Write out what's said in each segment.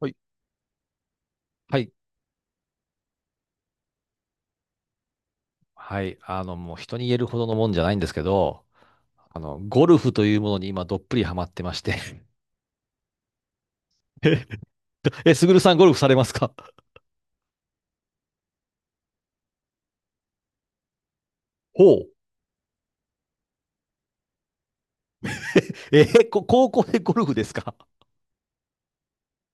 はい。はい。はい。もう人に言えるほどのもんじゃないんですけど、ゴルフというものに今どっぷりハマってまして。すぐるさんゴルフされますか？ほう。えーこ高校でゴルフですか？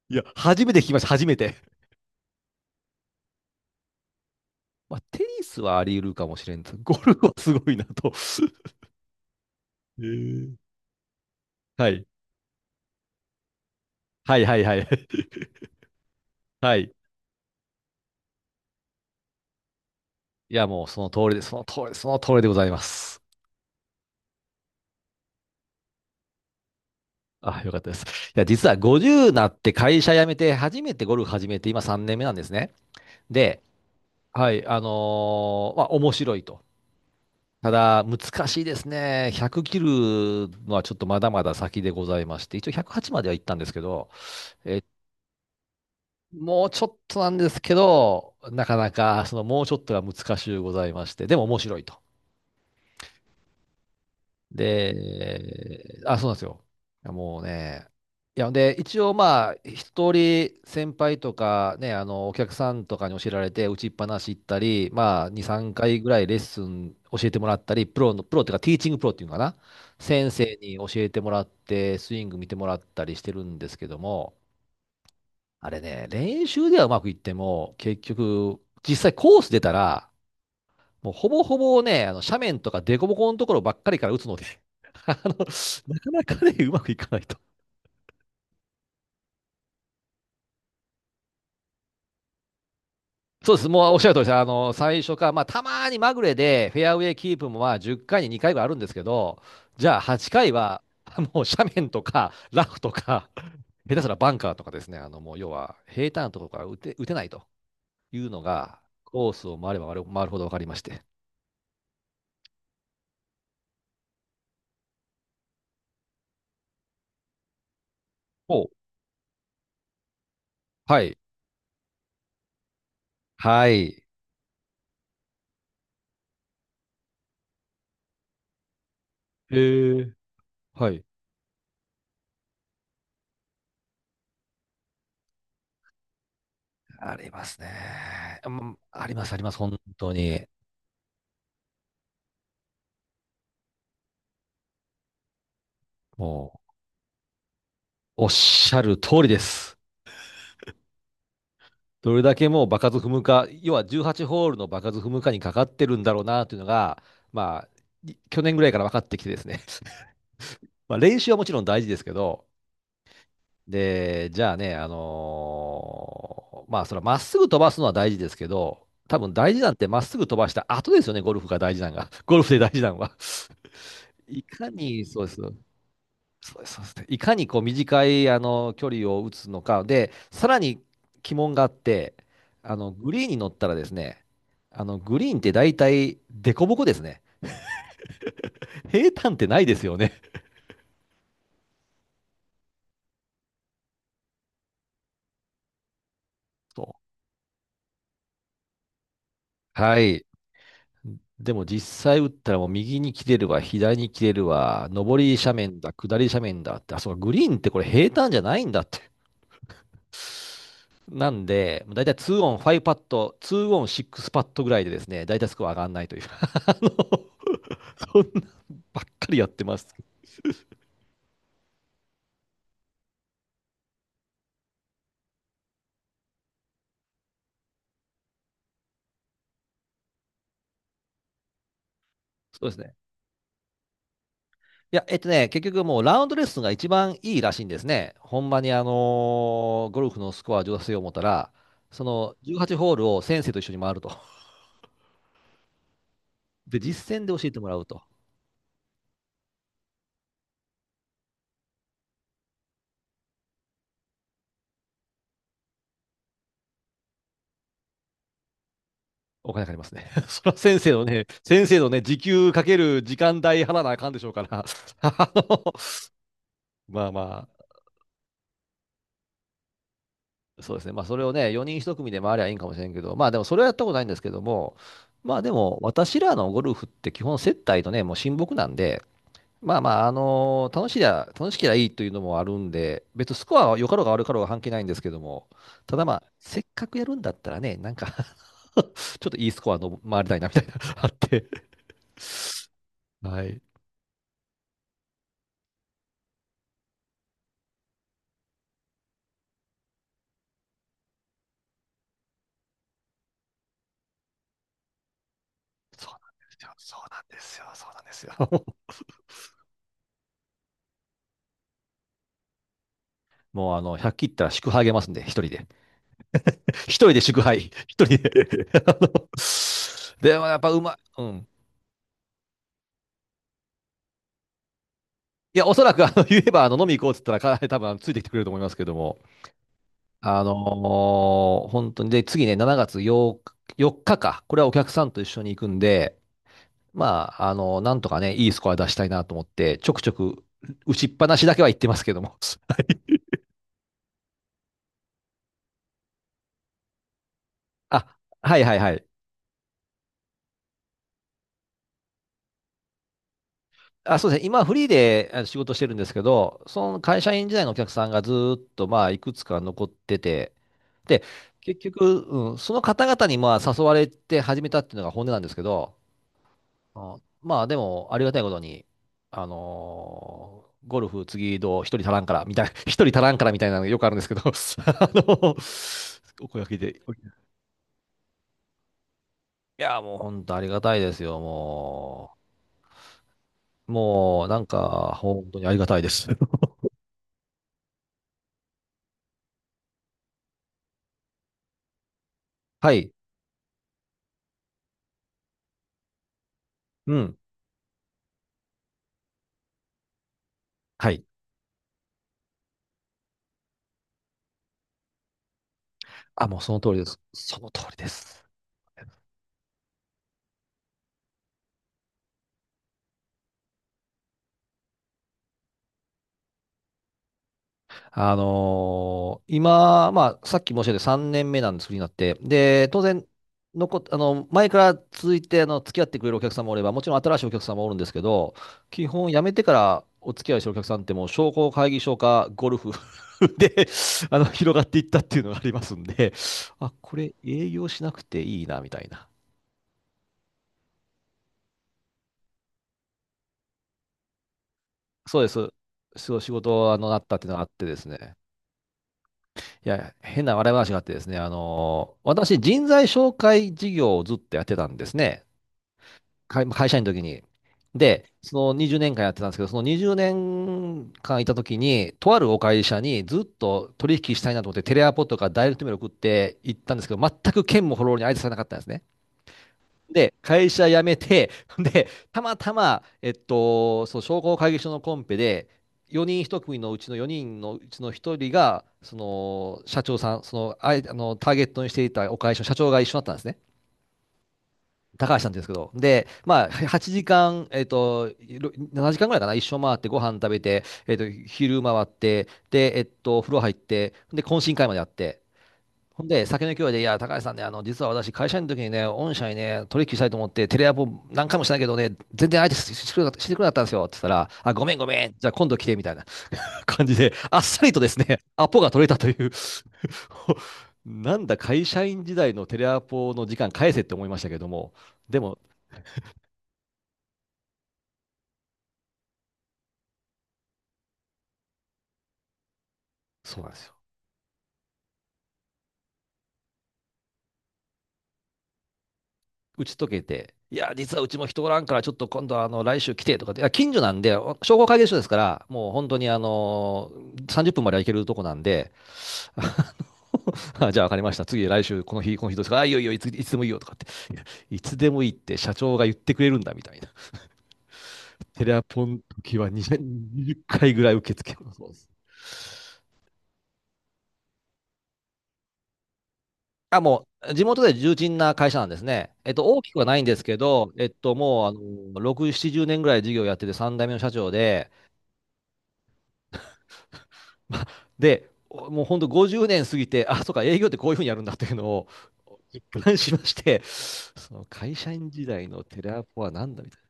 いや、初めて聞きました、初めて。まあ、テニスはあり得るかもしれんけど、ゴルフはすごいなと。えー、はい。はいはいはい。はい。いや、もうその通りで、その通り、その通りでございます。あ、よかったです。いや、実は50なって会社辞めて、初めてゴルフ始めて、今3年目なんですね。で、はい、まあ、面白いと。ただ、難しいですね。100切るのはちょっとまだまだ先でございまして、一応108までは行ったんですけど、え、もうちょっとなんですけど、なかなか、そのもうちょっとが難しゅうございまして、でも面白いと。で、あ、そうなんですよ。いやもうね、いや、で、一応まあ、一人先輩とかね、お客さんとかに教えられて、打ちっぱなし行ったり、まあ、2、3回ぐらいレッスン教えてもらったり、プロの、プロっていうか、ティーチングプロっていうのかな、先生に教えてもらって、スイング見てもらったりしてるんですけども、あれね、練習ではうまくいっても、結局、実際コース出たら、もうほぼほぼね、あの斜面とか凸凹のところばっかりから打つので、あの、なかなかね、うまくいかないと。そうです。もうおっしゃる通りです。最初か、まあ、たまにまぐれでフェアウェイキープもまあ10回に2回ぐらいあるんですけど、じゃあ8回は、もう斜面とか、ラフとか、下手すらバンカーとかですね、もう要は平坦なところから打て、打てないというのが、コースを回れば回るほど分かりまして。お。はい。はい。へー。はい。ありますね。うんあります、あります、本当に。もう、おっしゃる通りです。どれだけもう場数踏むか、要は18ホールの場数踏むかにかかってるんだろうなというのが、まあ、去年ぐらいから分かってきてですね。まあ、練習はもちろん大事ですけど、で、じゃあね、まあ、それはまっすぐ飛ばすのは大事ですけど、多分大事なんてまっすぐ飛ばした後ですよね、ゴルフが大事なのが。ゴルフで大事なのは。いかに、そうです。そうです、そうです。いかにこう短いあの距離を打つのか。で、さらに鬼門があって、グリーンに乗ったらですね、グリーンって大体凸凹ですね。平坦ってないですよね。そう。はい。でも実際打ったらもう右に切れるわ、左に切れるわ、上り斜面だ、下り斜面だって、あ、そうか、グリーンってこれ平坦じゃないんだって。なんで、だいたい2オン5パット、2オン6パットぐらいでですね、だいたいスコア上がらないという。あの、そんなばっかりやってます。そうですね。いや、結局もうラウンドレッスンが一番いいらしいんですね。ほんまにゴルフのスコア上達を思ったら、その18ホールを先生と一緒に回ると。で、実践で教えてもらうと。お金かかりますね。それは先生のね、先生のね、時給かける時間代払わなあかんでしょうから。あのまあまそうですね。まあ、それをね、4人一組で回りゃいいんかもしれんけど、まあ、でもそれはやったことないんですけども、まあ、でも、私らのゴルフって基本接待とね、もう親睦なんで、まあまあ、楽しいや楽しきゃいいというのもあるんで、別にスコアは良かろうが悪かろうが関係ないんですけども、ただまあ、せっかくやるんだったらね、なんか ちょっといいスコアの回りたいなみたいな、あって。はい。そうなんですよ。そうなんですよ。そうなんですよ。もう、100切ったら祝杯あげますんで、一人で。一人で祝杯。一人で でもやっぱうまい。うん。いや、おそらく言えば飲み行こうって言ったら、彼多分ついてきてくれると思いますけども。あの本当に。で、次ね、7月日、4日か。これはお客さんと一緒に行くんで、まあ、なんとかね、いいスコア出したいなと思って、ちょくちょく打ちっぱなしだけは言ってますけども。あ、はいはいはい。あ、そうですね。今フリーで仕事してるんですけど、その会社員時代のお客さんがずーっとまあいくつか残ってて、で、結局、うん、その方々にまあ誘われて始めたっていうのが本音なんですけど、あまあでもありがたいことに、ゴルフ次どう一人足らんからみたいな、一人足らんからみたいなのがよくあるんですけど、お声がけで。いや、もう本当ありがたいですよ、もう。もうなんか本当にありがたいです。はい。うん。はい。あ、もうその通りです。その通りです。今、まあ、さっき申し上げた3年目なんです、フリーになって。で、当然、前から続いて、付き合ってくれるお客さんもおれば、もちろん新しいお客さんもおるんですけど、基本辞めてからお付き合いしてるお客さんってもう商工会議所かゴルフ で、広がっていったっていうのがありますんで、あ、これ営業しなくていいな、みたいな。そうです。そう、仕事、なったっていうのがあってですね。いや、変な笑い話があってですね、私、人材紹介事業をずっとやってたんですね。会社員の時に。で、その20年間やってたんですけど、その20年間いた時に、とあるお会社にずっと取引したいなと思って、テレアポとかダイレクトメール送って行ったんですけど、全く県もフォローに相手されなかったんですね。で、会社辞めて、で、たまたま、そう、商工会議所のコンペで、4人一組のうちの4人のうちの1人が、その、社長さん、その、ターゲットにしていたお会社の社長が一緒だったんですね。高橋さんって言うんですけど。で、まあ、8時間、7時間ぐらいかな、一緒回って、ご飯食べて、昼回って、で、風呂入って、で、懇親会までやって、ほんで、酒の勢いで、いや、高橋さんね、実は私、会社員の時にね、御社にね、取引したいと思って、テレアポ何回もしたけどね、全然相手ししてくれなかったんですよ、って言ったら、あ、ごめんごめん、じゃあ今度来て、みたいな 感じで、あっさりとですね、アポが取れたという なんだ、会社員時代のテレアポの時間返せって思いましたけども、でも、そうなんですよ。打ち解けて、いや、実はうちも人おらんから、ちょっと今度来週来てとかって、いや近所なんで、商工会議所ですから、もう本当に30分までは行けるとこなんで、ああじゃあ分かりました、次来週、この日どうですか？あ、いいよいいよ、いつでもいいよとかって、いやいつでもいいって社長が言ってくれるんだみたいな。テレアポの時は20回ぐらい受け付けます。あ、もう、地元で重鎮な会社なんですね。大きくはないんですけど、もう、6、70年ぐらい事業やってて、3代目の社長で、まあで、もう本当50年過ぎて、あ、そうか、営業ってこういうふうにやるんだっていうのを一貫しまして、その会社員時代のテレアポはなんだみたいな。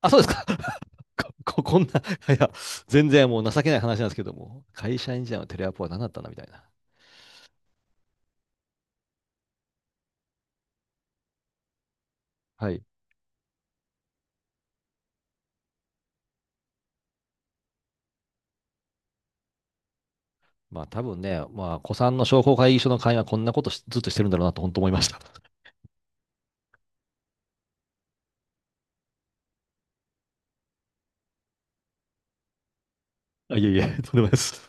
あ、そうですか。ここんな、いや、全然もう情けない話なんですけども、会社員時代のテレアポは何だったんだみたいな。はい。まあ多分ね、まあ、古参の商工会議所の会員はこんなことしずっとしてるんだろうなと本当思いました。あ、いえいえ、とんでもないです。